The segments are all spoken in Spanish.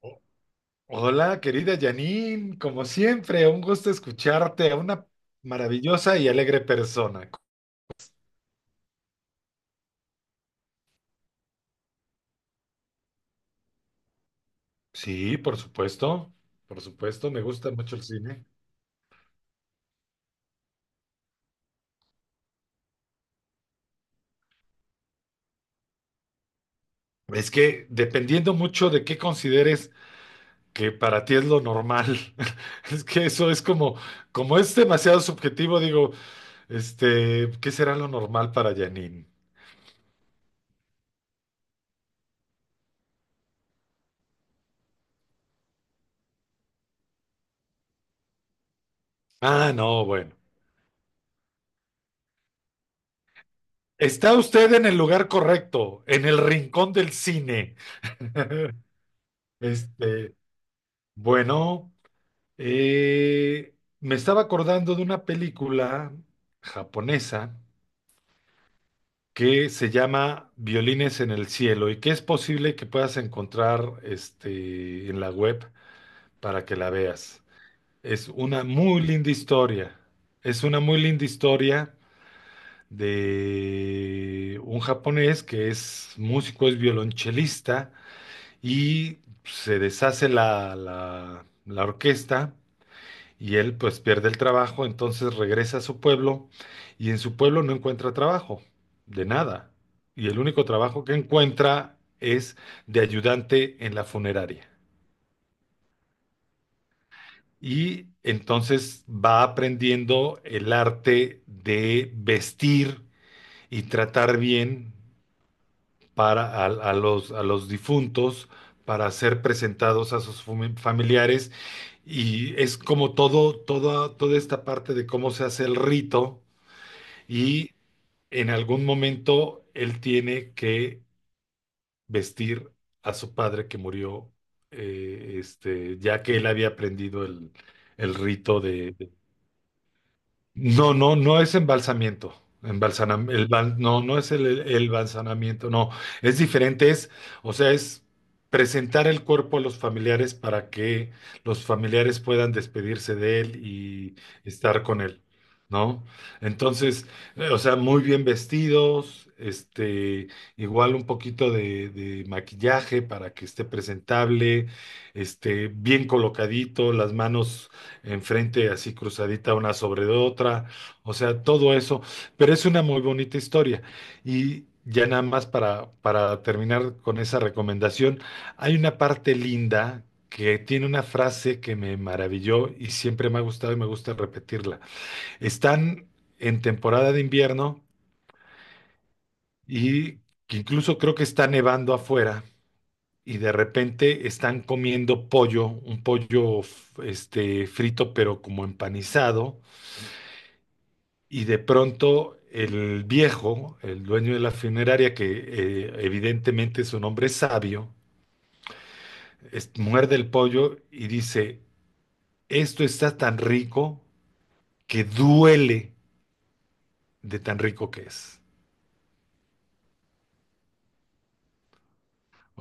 O- Hola, querida Janine, como siempre, un gusto escucharte, a una maravillosa y alegre persona. Sí, por supuesto, me gusta mucho el cine. Es que dependiendo mucho de qué consideres que para ti es lo normal, es que eso es como, como es demasiado subjetivo, digo, ¿qué será lo normal para Janine? Ah, no, bueno. Está usted en el lugar correcto, en el rincón del cine. Este, Bueno, eh, me estaba acordando de una película japonesa que se llama Violines en el cielo y que es posible que puedas encontrar en la web para que la veas. Es una muy linda historia. Es una muy linda historia de un japonés que es músico, es violonchelista y se deshace la orquesta. Y él pues pierde el trabajo, entonces regresa a su pueblo y en su pueblo no encuentra trabajo, de nada. Y el único trabajo que encuentra es de ayudante en la funeraria. Y entonces va aprendiendo el arte de vestir y tratar bien para a los difuntos para ser presentados a sus familiares. Y es como todo, toda toda esta parte de cómo se hace el rito. Y en algún momento él tiene que vestir a su padre que murió, ya que él había aprendido el rito de, no, no, no es embalsamiento. No, no es el embalsanamiento, no. Es diferente, es, o sea, es presentar el cuerpo a los familiares para que los familiares puedan despedirse de él y estar con él, ¿no? Entonces, o sea, muy bien vestidos, igual un poquito de maquillaje para que esté presentable, bien colocadito, las manos enfrente, así cruzadita una sobre otra, o sea, todo eso, pero es una muy bonita historia. Y ya nada más para terminar con esa recomendación, hay una parte linda que tiene una frase que me maravilló y siempre me ha gustado y me gusta repetirla. Están en temporada de invierno y que incluso creo que está nevando afuera. Y de repente están comiendo pollo, un pollo frito pero como empanizado. Y de pronto el viejo, el dueño de la funeraria, que evidentemente es un hombre sabio, muerde el pollo y dice, esto está tan rico que duele de tan rico que es.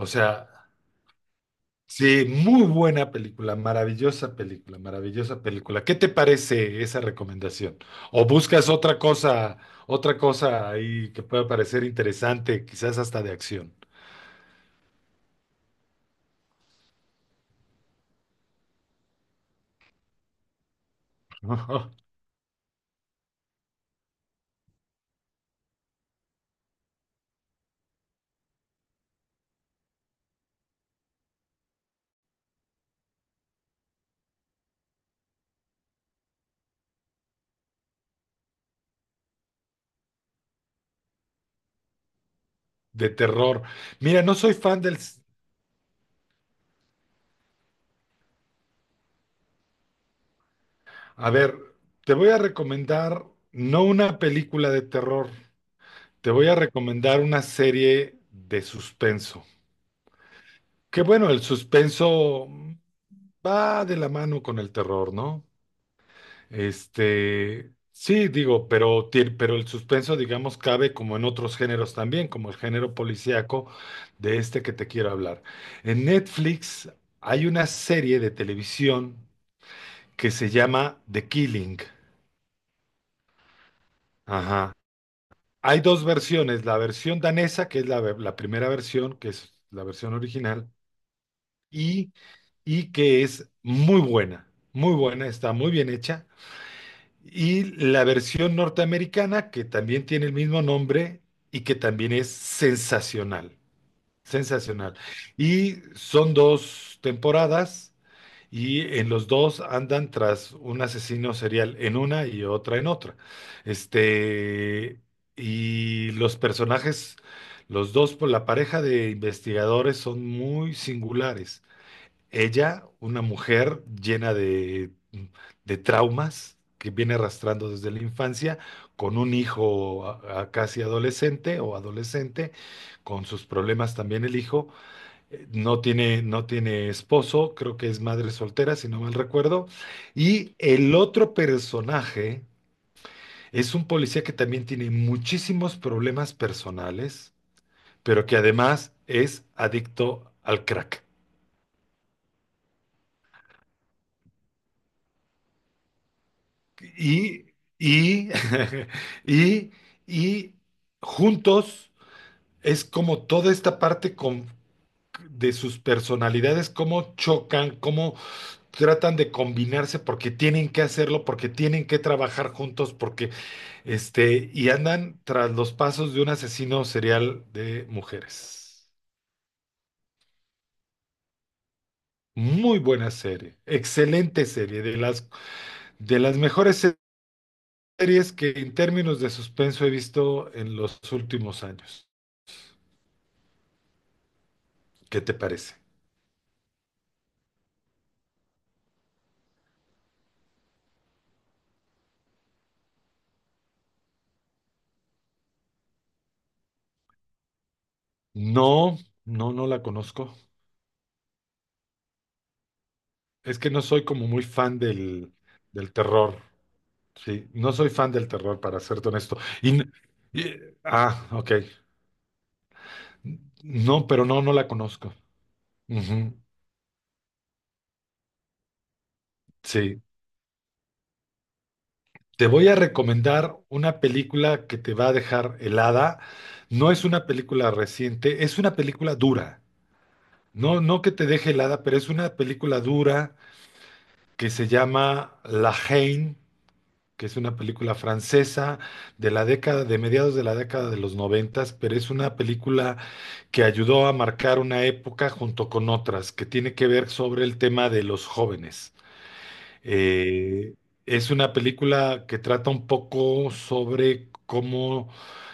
O sea, sí, muy buena película, maravillosa película, maravillosa película. ¿Qué te parece esa recomendación? ¿O buscas otra cosa ahí que pueda parecer interesante, quizás hasta de acción? De terror. Mira, no soy fan del... A ver, te voy a recomendar no una película de terror, te voy a recomendar una serie de suspenso. Que bueno, el suspenso va de la mano con el terror, ¿no? Sí, digo, pero, pero el suspenso, digamos, cabe como en otros géneros también, como el género policíaco de este que te quiero hablar. En Netflix hay una serie de televisión que se llama The Killing. Ajá. Hay dos versiones, la versión danesa, que es la primera versión, que es la versión original, y, y que es muy buena, está muy bien hecha. Y la versión norteamericana, que también tiene el mismo nombre y que también es sensacional, sensacional. Y son dos temporadas y en los dos andan tras un asesino serial en una y otra en otra. Este, y los personajes, los dos, por la pareja de investigadores son muy singulares. Ella, una mujer llena de traumas que viene arrastrando desde la infancia, con un hijo a casi adolescente o adolescente, con sus problemas también el hijo, no tiene esposo, creo que es madre soltera, si no mal recuerdo. Y el otro personaje es un policía que también tiene muchísimos problemas personales, pero que además es adicto al crack. Y, y, y, y juntos es como toda esta parte de sus personalidades, cómo chocan, cómo tratan de combinarse porque tienen que hacerlo, porque tienen que trabajar juntos, porque y andan tras los pasos de un asesino serial de mujeres. Muy buena serie, excelente serie, de las mejores series que en términos de suspenso he visto en los últimos años. ¿Qué te parece? No, no, no la conozco. Es que no soy como muy fan del terror. Sí, no soy fan del terror, para serte honesto. Y, n- y- ah, ok. No, pero no, no la conozco. Ujú, sí. Te voy a recomendar una película que te va a dejar helada. No es una película reciente, es una película dura. No, no que te deje helada, pero es una película dura que se llama La Haine. Que es una película francesa de la década, de mediados de la década de los noventas, pero es una película que ayudó a marcar una época junto con otras, que tiene que ver sobre el tema de los jóvenes. Eh, es una película que trata un poco sobre cómo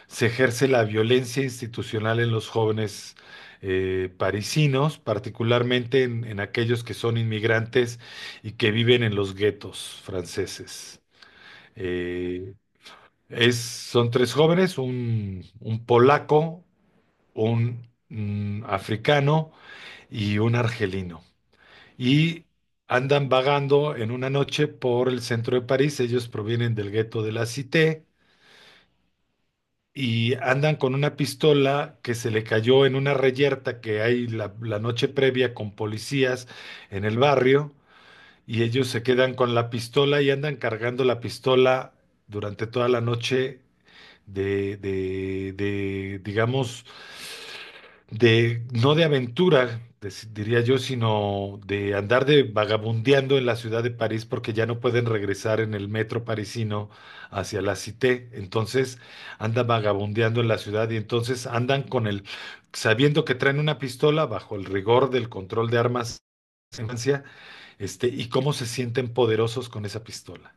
se ejerce la violencia institucional en los jóvenes, parisinos, particularmente en aquellos que son inmigrantes y que viven en los guetos franceses. Eh, es, son tres jóvenes, un polaco, un mm, africano y un argelino. Y andan vagando en una noche por el centro de París. Ellos provienen del gueto de la Cité y andan con una pistola que se le cayó en una reyerta que hay la noche previa con policías en el barrio. Y ellos se quedan con la pistola y andan cargando la pistola durante toda la noche digamos, no de aventura, diría yo, sino de andar de vagabundeando en la ciudad de París porque ya no pueden regresar en el metro parisino hacia la Cité. Entonces andan vagabundeando en la ciudad y entonces andan con sabiendo que traen una pistola bajo el rigor del control de armas en Francia, y cómo se sienten poderosos con esa pistola.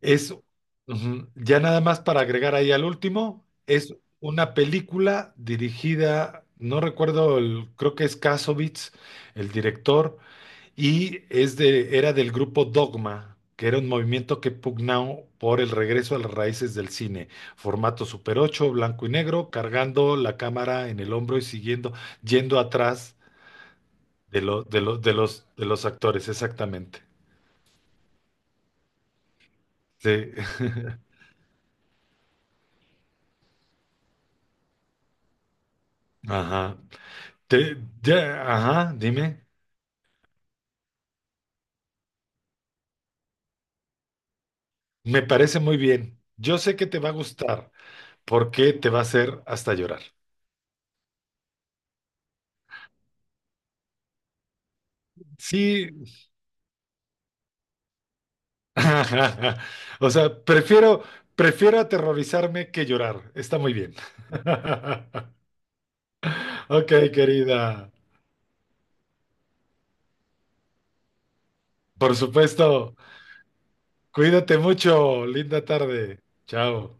Es, ya nada más para agregar ahí al último, es una película dirigida, no recuerdo, creo que es Kasovitz, el director, y es de, era del grupo Dogma, que era un movimiento que pugnaba por el regreso a las raíces del cine, formato Super 8 blanco y negro, cargando la cámara en el hombro y siguiendo, yendo atrás de los actores, exactamente. Sí, ajá. Dime. Me parece muy bien. Yo sé que te va a gustar porque te va a hacer hasta llorar. Sí, o sea, prefiero aterrorizarme que llorar. Está muy bien. Ok, querida. Por supuesto. Cuídate mucho. Linda tarde. Chao.